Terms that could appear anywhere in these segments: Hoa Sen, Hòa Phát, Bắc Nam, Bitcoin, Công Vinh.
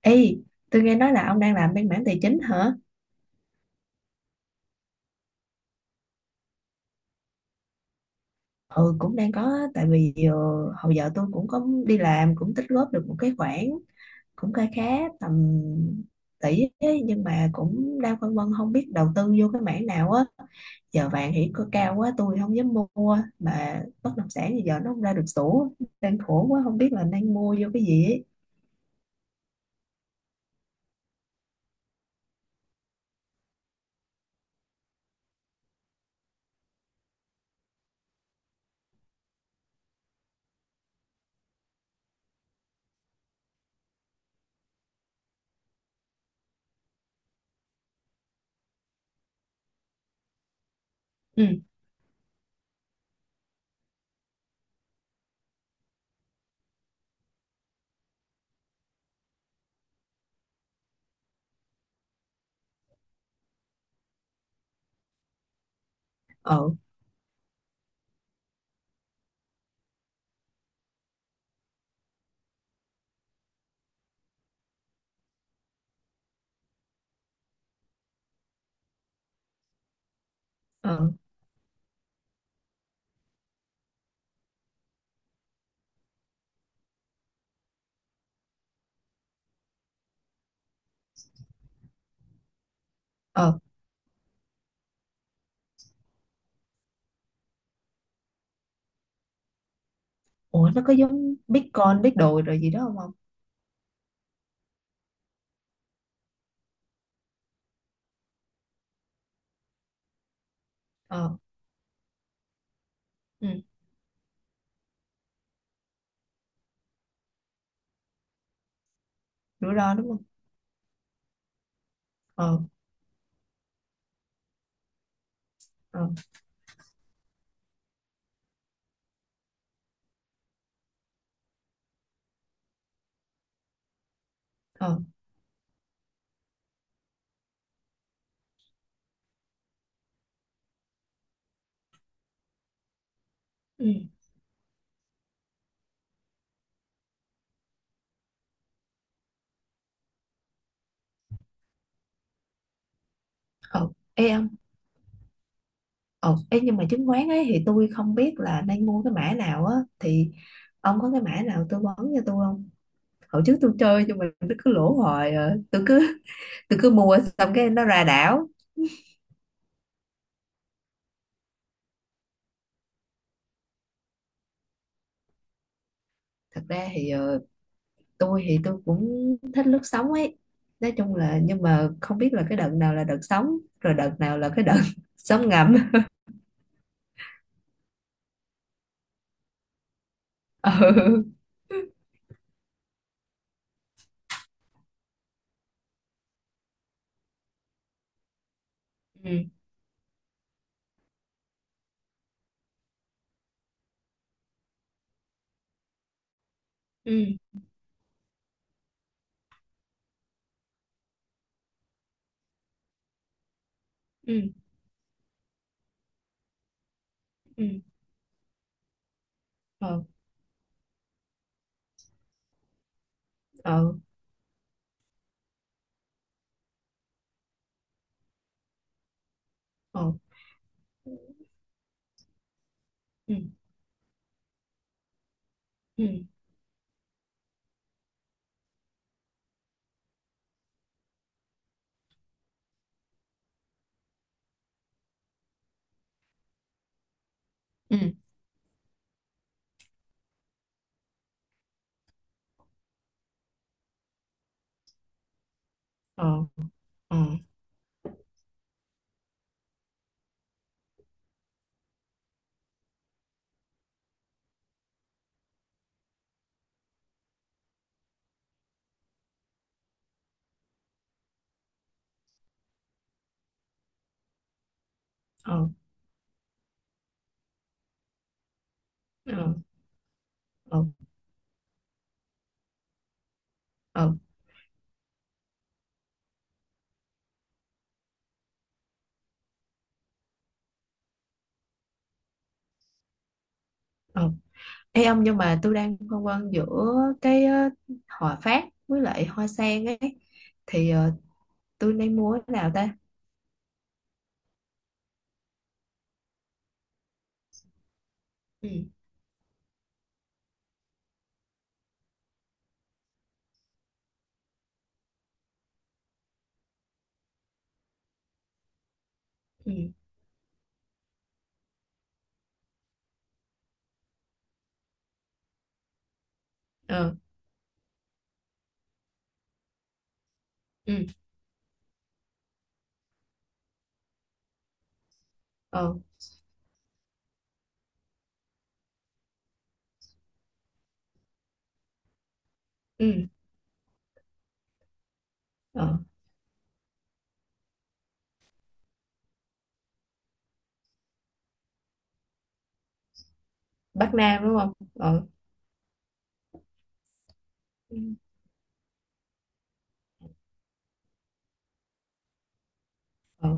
Ê, tôi nghe nói là ông đang làm bên mảng tài chính hả? Ừ, cũng đang có, tại vì hồi giờ tôi cũng có đi làm, cũng tích góp được một cái khoản, cũng khá khá tầm tỷ ấy, nhưng mà cũng đang phân vân không biết đầu tư vô cái mảng nào á. Giờ vàng thì có cao quá, tôi không dám mua, mà bất động sản thì giờ nó không ra được sổ, đang khổ quá, không biết là nên mua vô cái gì ấy. Ừ. ờ, ờ, ờ, Ủa nó có giống Bitcoin, biết đồ rồi gì đó không ông? Ờ, ừ, rủi ro đúng không? Ờ. ờ ờ ừ. ờ Ê ông. Ờ Ê, nhưng mà chứng khoán ấy thì tôi không biết là nên mua cái mã nào á, thì ông có cái mã nào tư vấn cho tôi không? Hồi trước tôi chơi nhưng mà nó cứ lỗ hoài à. Tôi cứ mua xong cái nó ra đảo. Thật ra thì tôi thì tôi cũng thích lướt sóng ấy, nói chung là, nhưng mà không biết là cái đợt nào là đợt sóng rồi đợt nào là cái đợt sóng ngầm. Ừ, ừ, ừ, ừ, ừ, ờ, ờ, ờ, ừ, ừ, ừ. Ừ, ừ, ừ, ừ, ừ, ừ. Ê ông, nhưng mà tôi đang phân vân giữa cái Hòa Phát với lại Hoa Sen ấy, thì tôi nên mua cái nào ta? Ừ, ừ, ờ, ừ, ờ, ừ, ờ, Bắc Nam đúng không? Ờ, ừ, ờ,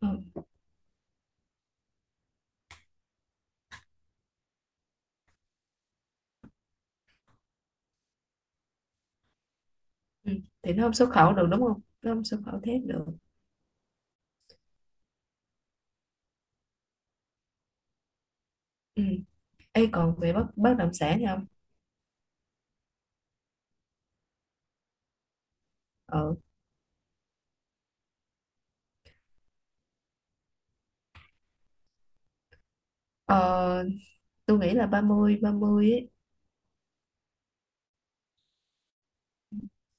ừ. ừ. Thì nó không xuất khẩu được đúng không, nó không xuất khẩu thép được? Ừ. Ê còn về bất bất động sản thì không? ờ ờ tôi nghĩ là 30 30 ấy.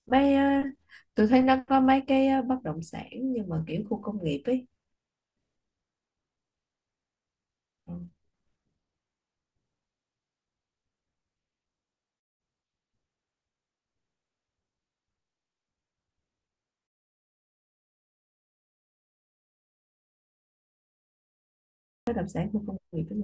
Mấy tôi thấy nó có mấy cái bất động sản nhưng mà kiểu khu công nghiệp ấy. Ừ. Bất động sản khu công nghiệp ấy.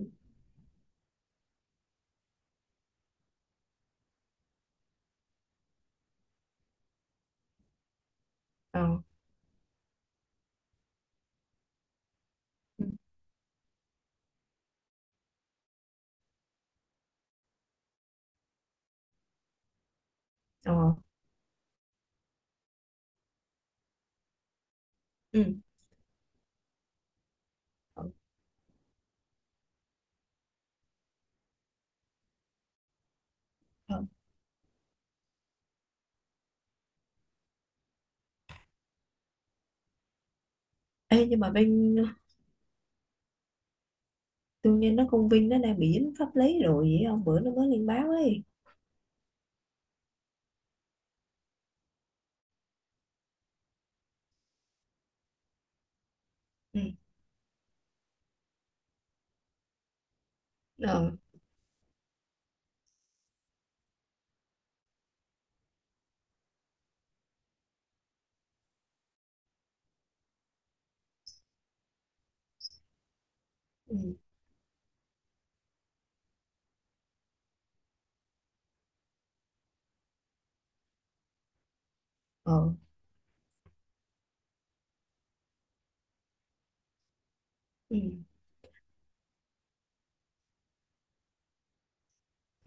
ờ ừ. ờ ừ. Ờ. Ờ. Ê, nhưng mà bên tôi nghe nó công Vinh nó đang bị dính pháp lý rồi, vậy ông, bữa nó mới lên báo ấy. Ừ. ờ ừ. ờ ừ.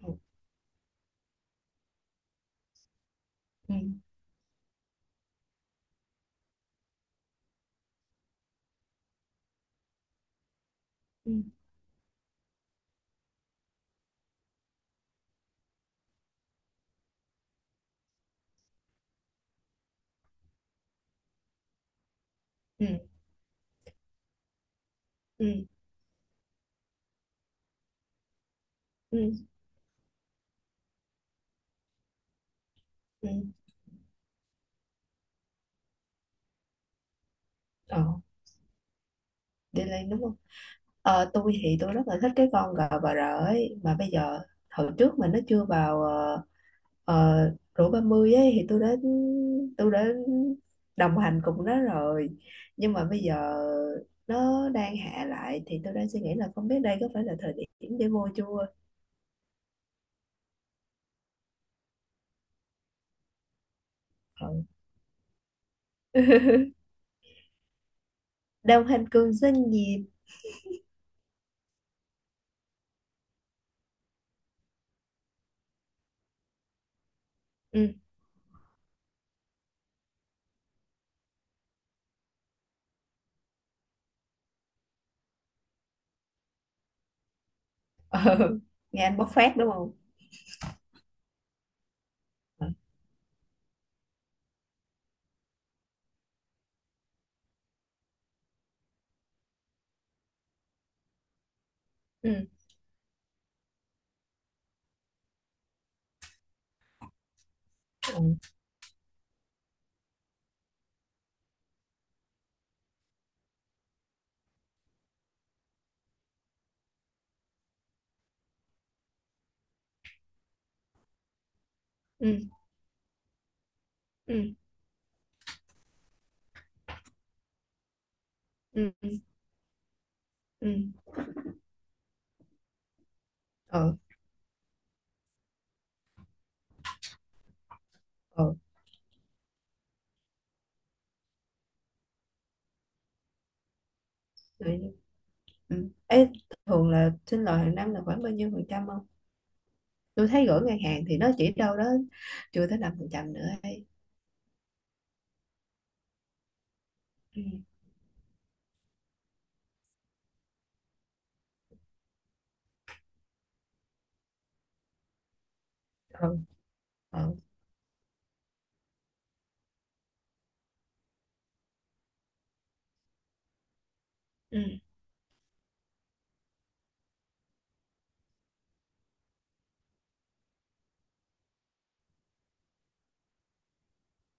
Ừ. Ừ. Ừ. Ừ. Ừ. Ừ. Ừ. ờ Delay đúng. Ờ, tôi thì tôi rất là thích cái con gà bà rợ ấy, mà bây giờ hồi trước mà nó chưa vào ờ, rổ 30 ấy thì tôi đã tôi đã đồng hành cùng nó rồi, nhưng mà bây giờ nó đang hạ lại thì tôi đang suy nghĩ là không biết đây có phải là thời điểm để mua chưa. Ừ. Đồng hành cùng doanh nghiệp. Ừ. Ờ, nghe anh bộc phát đúng không? Ừ. Ừ. Ừ. Ừ. Ừ. Ừ. Ừ. Ừ. Ừ. Ừ. Ê, thường là sinh lời hàng năm là khoảng bao nhiêu phần trăm không? Tôi thấy gửi ngân hàng thì nó chỉ đâu đó chưa tới 5% nữa ấy. Ừ. Ừ. Ừ. Ừ.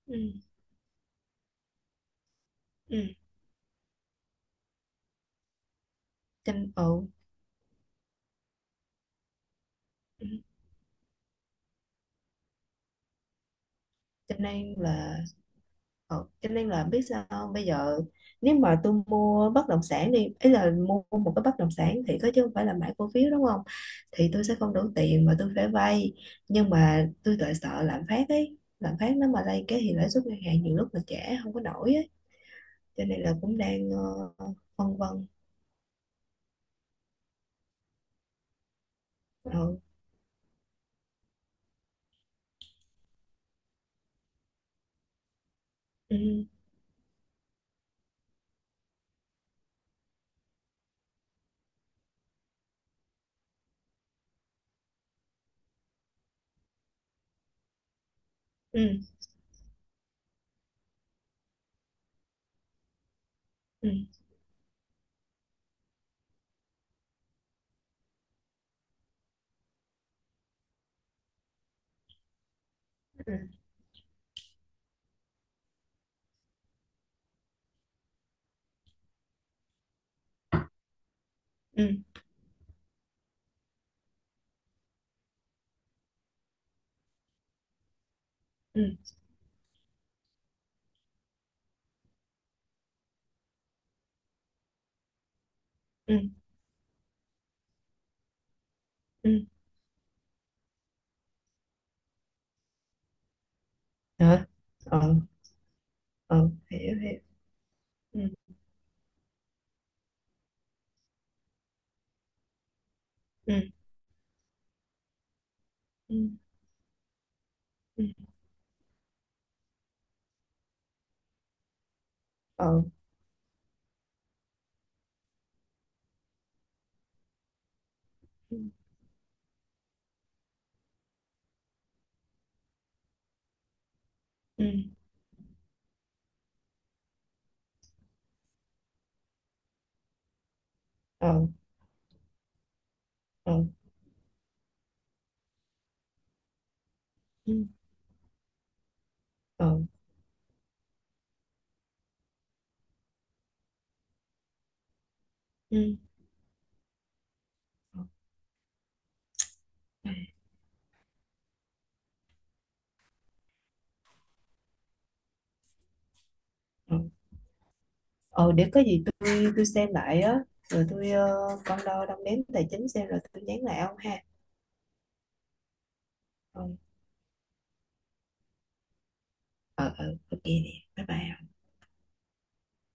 Ừ. Ừ. Cho, ừ. Ừ. Cho nên là ừ. Cho nên là biết sao không? Bây giờ nếu mà tôi mua bất động sản, đi ý là mua một cái bất động sản thì có chứ không phải là买cổ phiếu đúng không? Thì tôi sẽ không đủ tiền mà tôi phải vay, nhưng mà tôi lại sợ lạm phát ấy, lạm phát nó mà lên cái thì lãi suất ngân hàng nhiều lúc là trẻ không có nổi á. Cho nên là cũng đang phân vân. Ừ, ừ, ừ, ừ, ừ, ừ, ừ, ừ, ừ, hả, ờ, ờ, hiểu hiểu, ừ, ừ, ừ, ừ, ờ, ừ, ừ, ờ, ờ, ừ, ờ, ừ, ờ, ừ. Ờ. Ờ, để có gì tôi xem lại á, rồi tôi con đo đong đếm tài chính xem rồi tôi nhắn lại ông ha. ờ ờ, ok nè. Bye bye.